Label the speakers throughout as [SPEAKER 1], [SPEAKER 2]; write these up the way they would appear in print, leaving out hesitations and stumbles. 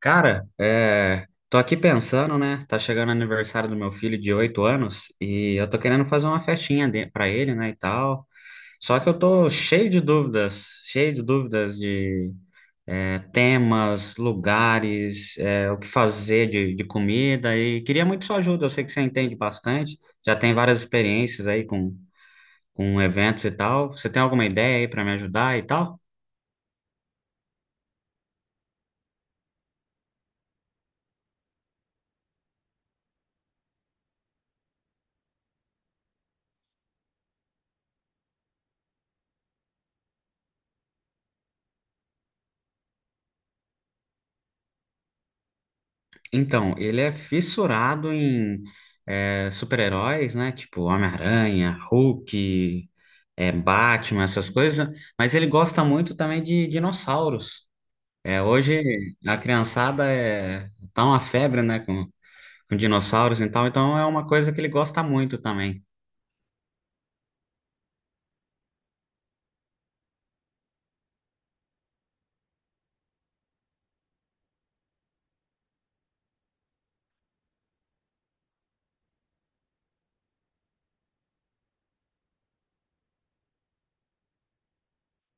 [SPEAKER 1] Cara, tô aqui pensando, né? Tá chegando o aniversário do meu filho de 8 anos e eu tô querendo fazer uma festinha pra ele, né, e tal. Só que eu tô cheio de dúvidas de temas, lugares, o que fazer de comida e queria muito sua ajuda. Eu sei que você entende bastante, já tem várias experiências aí com eventos e tal. Você tem alguma ideia aí pra me ajudar e tal? Então, ele é fissurado em super-heróis, né? Tipo Homem-Aranha, Hulk, Batman, essas coisas. Mas ele gosta muito também de dinossauros. Hoje a criançada tá uma febre, né? Com dinossauros e tal. Então é uma coisa que ele gosta muito também.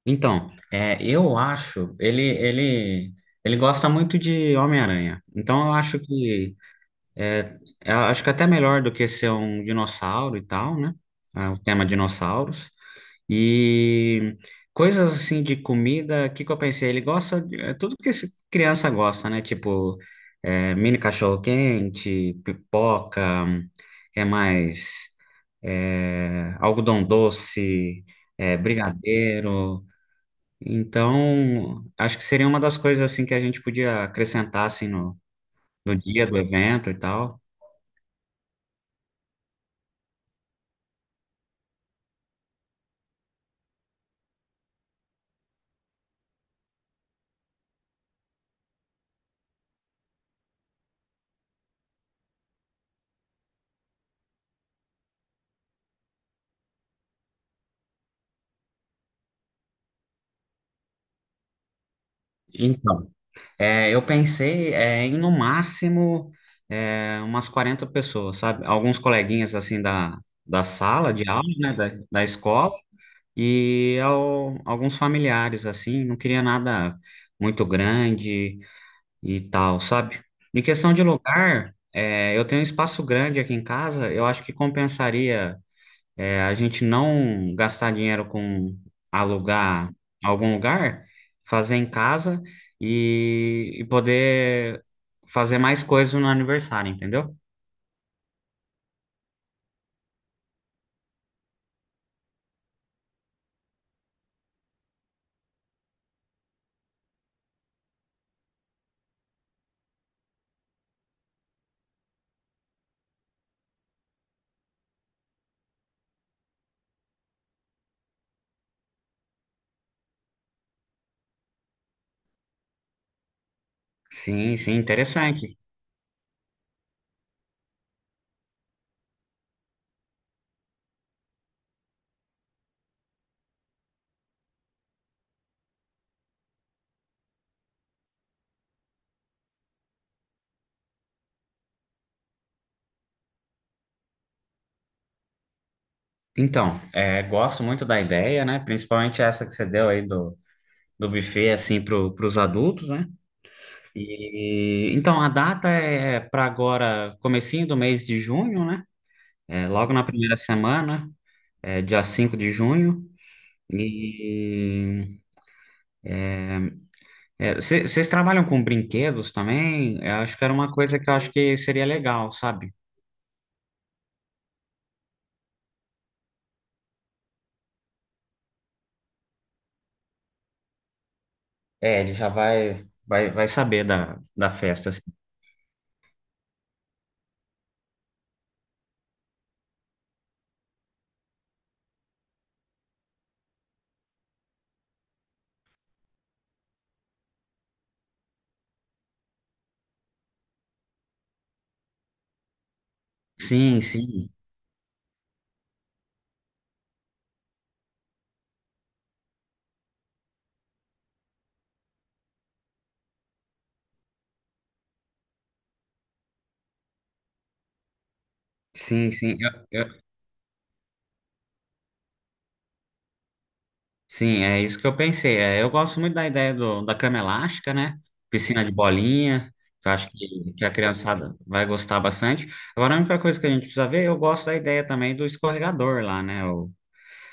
[SPEAKER 1] Então, eu acho, ele gosta muito de Homem-Aranha. É, eu acho que até melhor do que ser um dinossauro e tal, né? Ah, o tema dinossauros. E coisas assim de comida, o que que eu pensei? Ele gosta de tudo que esse criança gosta, né? Tipo, mini cachorro-quente, pipoca, que mais? Algodão doce, brigadeiro. Então, acho que seria uma das coisas assim que a gente podia acrescentar assim, no dia do evento e tal. Então. Eu pensei em no máximo umas 40 pessoas, sabe? Alguns coleguinhas assim da sala de aula, né? Da escola e alguns familiares assim. Não queria nada muito grande e tal, sabe? Em questão de lugar, eu tenho um espaço grande aqui em casa. Eu acho que compensaria a gente não gastar dinheiro com alugar algum lugar, fazer em casa e poder fazer mais coisas no aniversário, entendeu? Sim, sim, interessante. Então, gosto muito da ideia, né? Principalmente essa que você deu aí do buffet, assim, pros adultos, né? E, então, a data é para agora, comecinho do mês de junho, né? Logo na primeira semana, dia 5 de junho. E vocês trabalham com brinquedos também? Eu acho que era uma coisa que eu acho que seria legal, sabe? Ele já vai saber da festa assim. Sim, sim, sim, sim. Sim, é isso que eu pensei. É, eu gosto muito da ideia da cama elástica, né? Piscina de bolinha, que eu acho que a criançada vai gostar bastante. Agora, a única coisa que a gente precisa ver, eu gosto da ideia também do escorregador lá, né?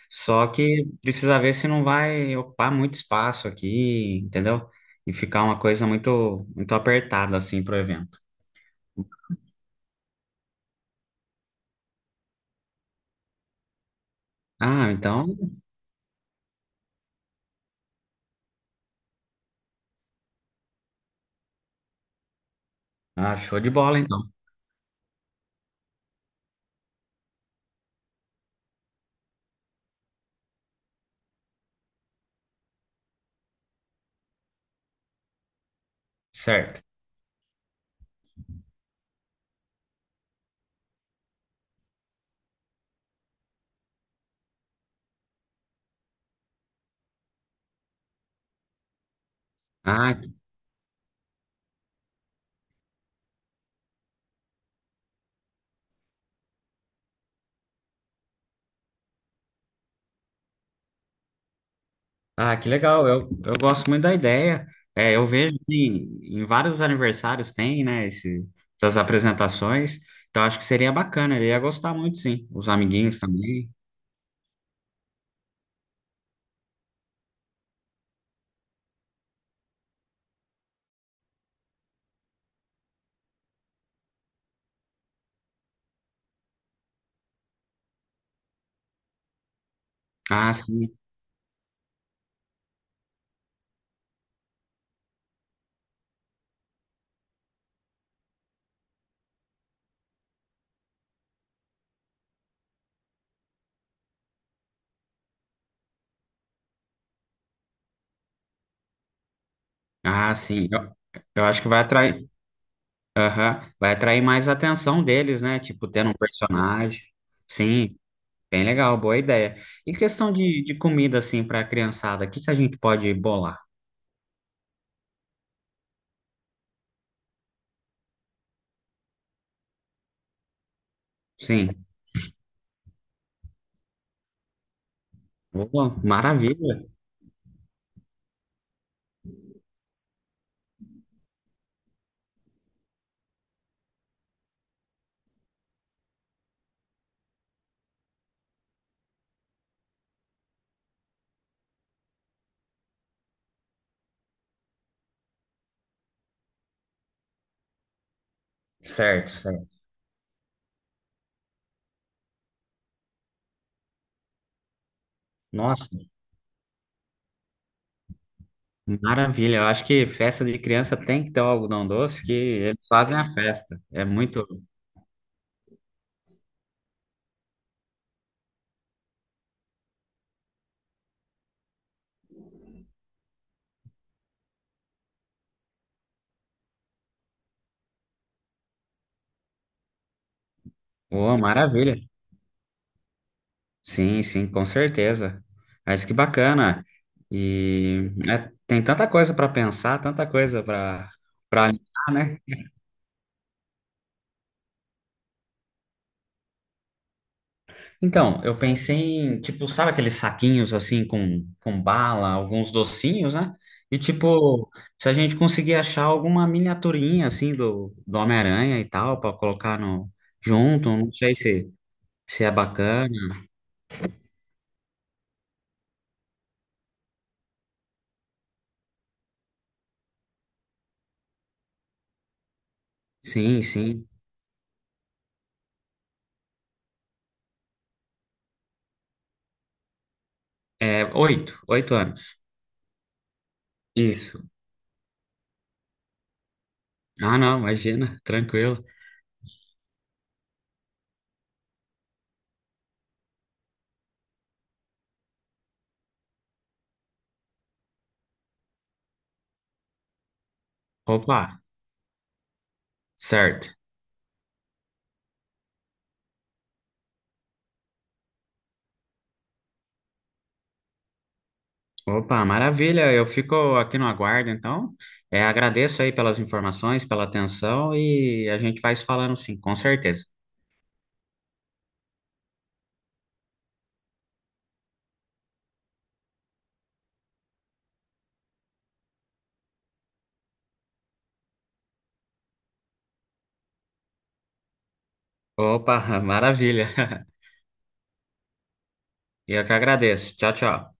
[SPEAKER 1] Só que precisa ver se não vai ocupar muito espaço aqui, entendeu? E ficar uma coisa muito, muito apertada assim pro evento. Ah, então, ah, show de bola então. Certo. Ah, ah, que legal. Eu gosto muito da ideia. Eu vejo que em vários aniversários tem, né, essas apresentações. Então acho que seria bacana. Ele ia gostar muito, sim. Os amiguinhos também. Ah, sim. Ah, sim. Eu acho que vai atrair Aham. Vai atrair mais a atenção deles, né? Tipo, tendo um personagem. Sim, bem legal, boa ideia. E questão de comida, assim, para a criançada, o que que a gente pode bolar? Sim, boa, maravilha. Certo, certo. Nossa, maravilha. Eu acho que festa de criança tem que ter o algodão doce, que eles fazem a festa. É muito. Boa, maravilha. Sim, sim, com certeza. Mas que bacana. E tem tanta coisa para pensar, tanta coisa para alinhar, né? Então, eu pensei em, tipo, sabe aqueles saquinhos assim com bala, alguns docinhos, né? E tipo, se a gente conseguir achar alguma miniaturinha assim do Homem-Aranha e tal, para colocar no junto, não sei se, é bacana. Sim, sim. É, 8, 8 anos. Isso. Ah, não, imagina, tranquilo. Opa, certo. Opa, maravilha. Eu fico aqui no aguardo, então. Agradeço aí pelas informações, pela atenção e a gente vai se falando sim, com certeza. Opa, maravilha. Eu que agradeço. Tchau, tchau.